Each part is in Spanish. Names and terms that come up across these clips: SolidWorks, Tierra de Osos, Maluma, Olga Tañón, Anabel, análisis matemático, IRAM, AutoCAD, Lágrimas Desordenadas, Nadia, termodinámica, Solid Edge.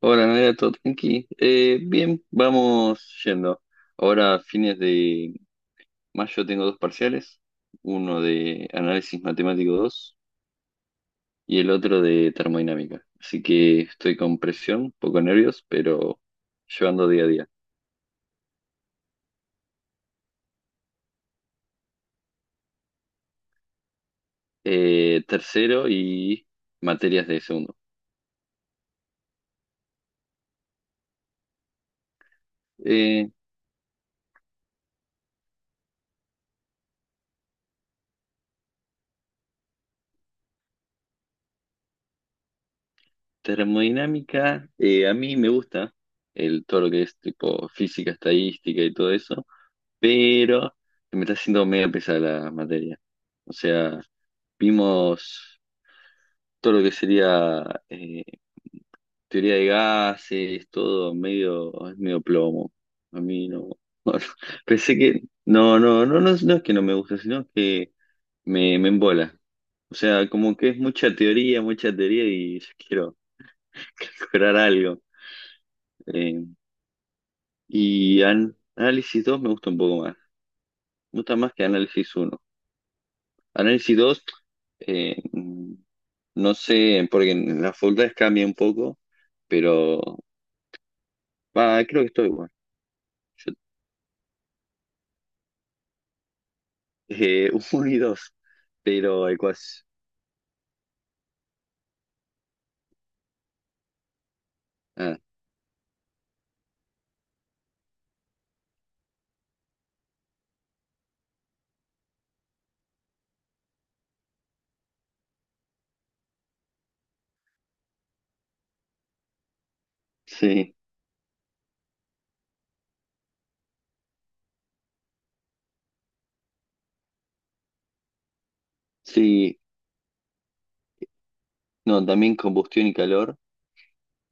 Hola, Nadia, todo tranqui. Bien, vamos yendo. Ahora, a fines de mayo, tengo 2 parciales: uno de análisis matemático 2 y el otro de termodinámica. Así que estoy con presión, poco nervios, pero llevando día a día. Tercero y materias de segundo. Eh, Termodinámica, a mí me gusta el, todo lo que es tipo física, estadística y todo eso, pero me está haciendo medio pesada la materia. O sea, vimos todo lo que sería, eh, teoría de gases, todo medio, es medio plomo. A mí no. Bueno, pensé que. No, no, no, no, no es que no me gusta, sino que me embola. O sea, como que es mucha teoría y yo quiero lograr algo. Eh, Análisis 2 me gusta un poco más. Me gusta más que análisis uno. Análisis dos, eh, no sé, porque en las facultades cambia un poco, pero va, creo que estoy igual. Yo, 1 y dos, pero ecuación. Ah, sí, sí, no, también combustión y calor,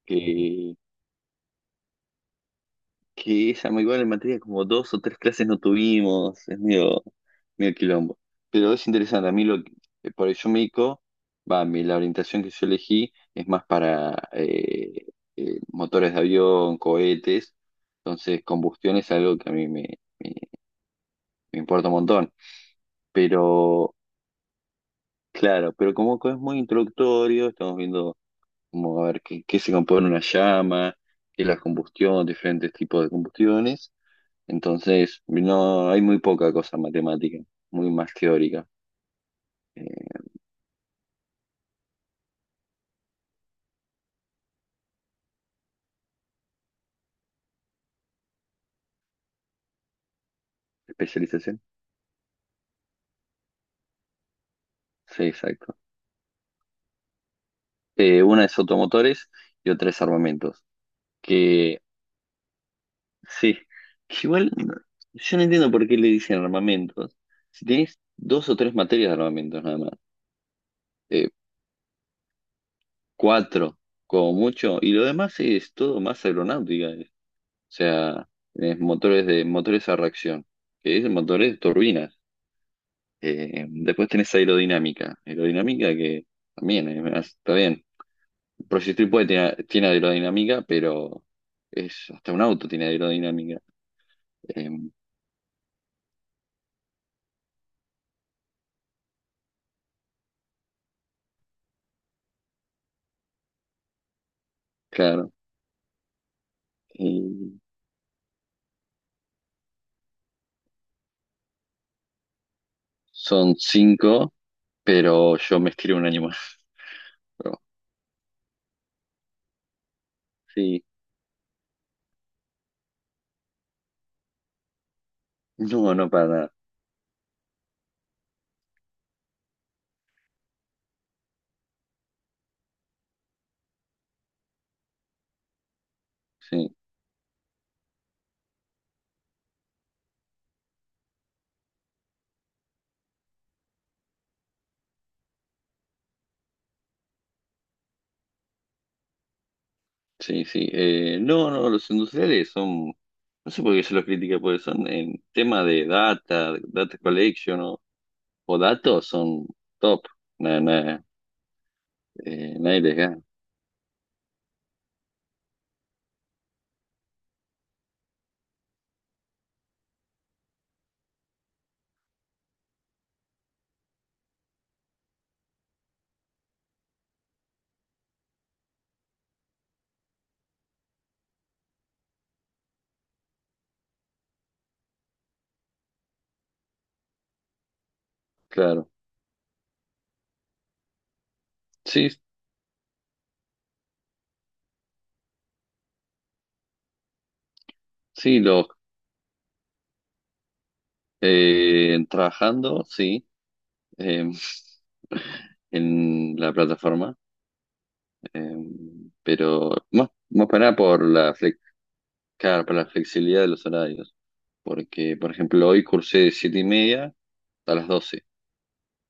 que que ella muy igual en materia, como 2 o 3 clases no tuvimos, es medio, medio quilombo. Pero es interesante, a mí lo que, por eso me dedico, va, la orientación que yo elegí es más para motores de avión, cohetes, entonces combustión es algo que a mí me importa un montón. Pero, claro, pero como que es muy introductorio, estamos viendo como a ver qué, qué se compone una llama, qué es la combustión, diferentes tipos de combustiones. Entonces, no hay muy poca cosa matemática, muy más teórica. Eh, Especialización. Sí, exacto. Una es automotores y otra es armamentos. Que sí, que igual no- yo no entiendo por qué le dicen armamentos. Si tenés 2 o 3 materias de armamentos nada más, eh, cuatro como mucho, y lo demás es todo más aeronáutica. O sea, tenés motores de motores a reacción, que es motores de turbinas. Después tenés aerodinámica. Aerodinámica que también, está bien. El Project puede tiene aerodinámica, pero es hasta un auto tiene aerodinámica. Eh, claro. Y son cinco, pero yo me estiro un año más. Pero, sí. No, no para nada. Sí, sí, sí. No, no, los industriales son. No sé por qué se los critica, porque son en tema de data, data collection o datos, son top. Nada, nadie les gana, claro. Sí, sí, los trabajando, sí, eh, en la plataforma, eh, pero más, más para nada por la flex, claro, por la flexibilidad de los horarios, porque, por ejemplo, hoy cursé de 7:30 a las 12:00,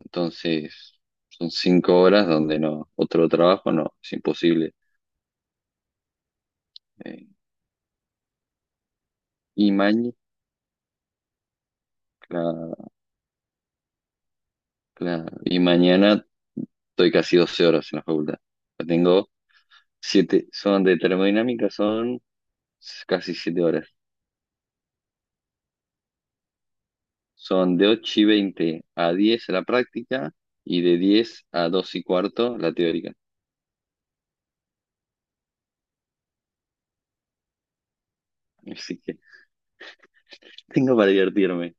entonces son 5 horas donde no, otro trabajo no, es imposible. Eh, y, mañana y mañana estoy casi 12 horas en la facultad. Tengo Siete, son de termodinámica, son casi 7 horas. Son de 8:20 a 10:00 la práctica y de 10:00 a 14:15 la teórica. Así que tengo para divertirme.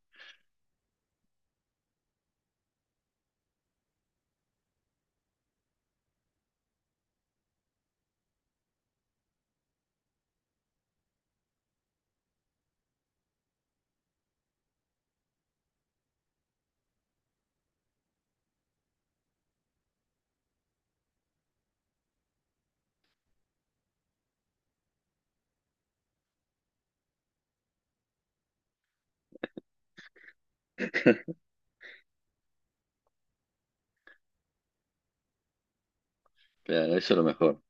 Claro, eso es lo mejor.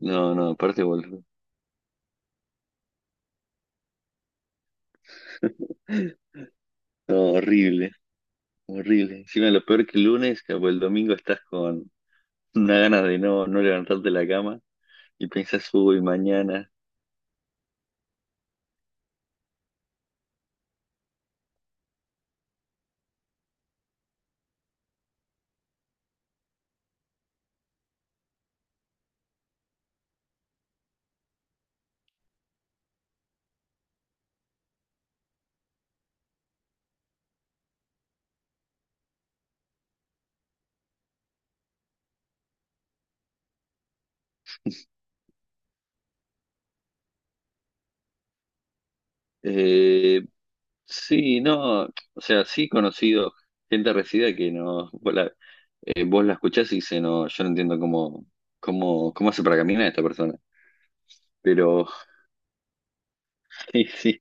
No, no, aparte, boludo. No, horrible, horrible. Encima lo peor que el lunes, que el domingo estás con una ganas de no, no levantarte de la cama y pensás, uy, mañana. Eh, sí, no, o sea, sí he conocido gente resida que no, vos la escuchás y dice, no, yo no entiendo cómo hace para caminar esta persona. Pero sí, sí,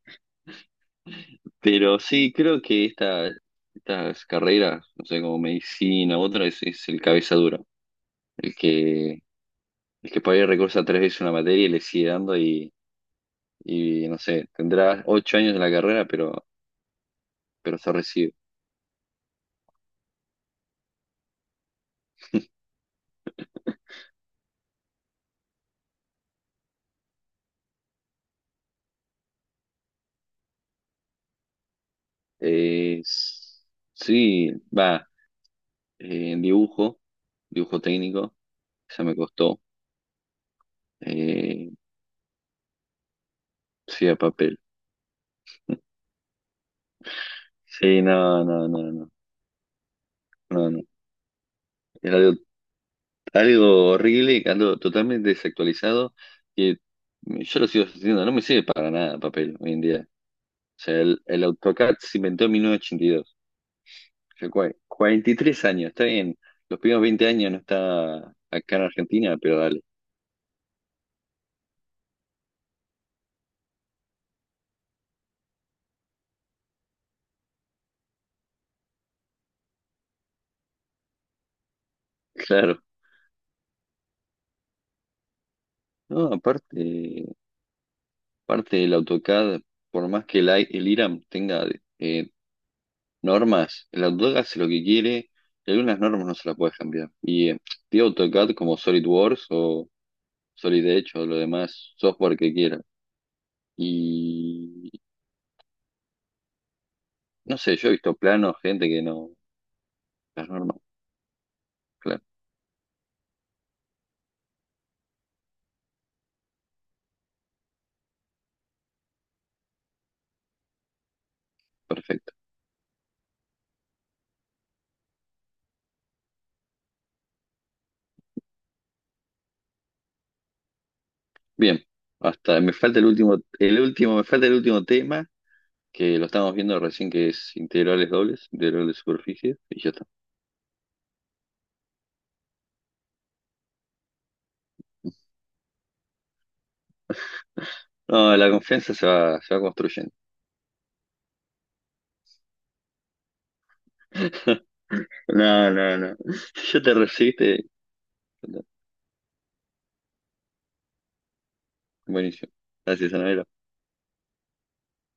pero sí, estas carreras, no sé, como medicina u otra, es el cabeza dura, el que, el que por ahí recorsa 3 veces una materia y le sigue dando y no sé, tendrá 8 años en la carrera, pero se recibe. Eh, s- sí, va, eh, en dibujo, dibujo técnico, esa me costó. Eh, sí, a papel. Sí, no, no, no, no, no, no. Era algo, algo horrible y algo totalmente desactualizado que yo lo sigo haciendo, no me sirve para nada papel hoy en día. O sea, el AutoCAD se inventó en 1982. 43 años, está bien. Los primeros 20 años no está acá en Argentina, pero dale. Claro. No, aparte. Parte del AutoCAD, por más que el IRAM tenga, eh, normas, el AutoCAD hace lo que quiere y algunas normas no se las puedes cambiar. Y tiene AutoCAD como SolidWorks o Solid Edge o lo demás software que quiera. Y no sé, yo he visto planos, gente que no. Las normas, claro, perfecto. Bien, hasta me falta el último, me falta el último tema, que lo estamos viendo recién, que es integrales dobles, integral de superficie, y ya está. No, la confianza se va construyendo. No, no, no. Yo te recibiste. Buenísimo. Gracias, Anabel.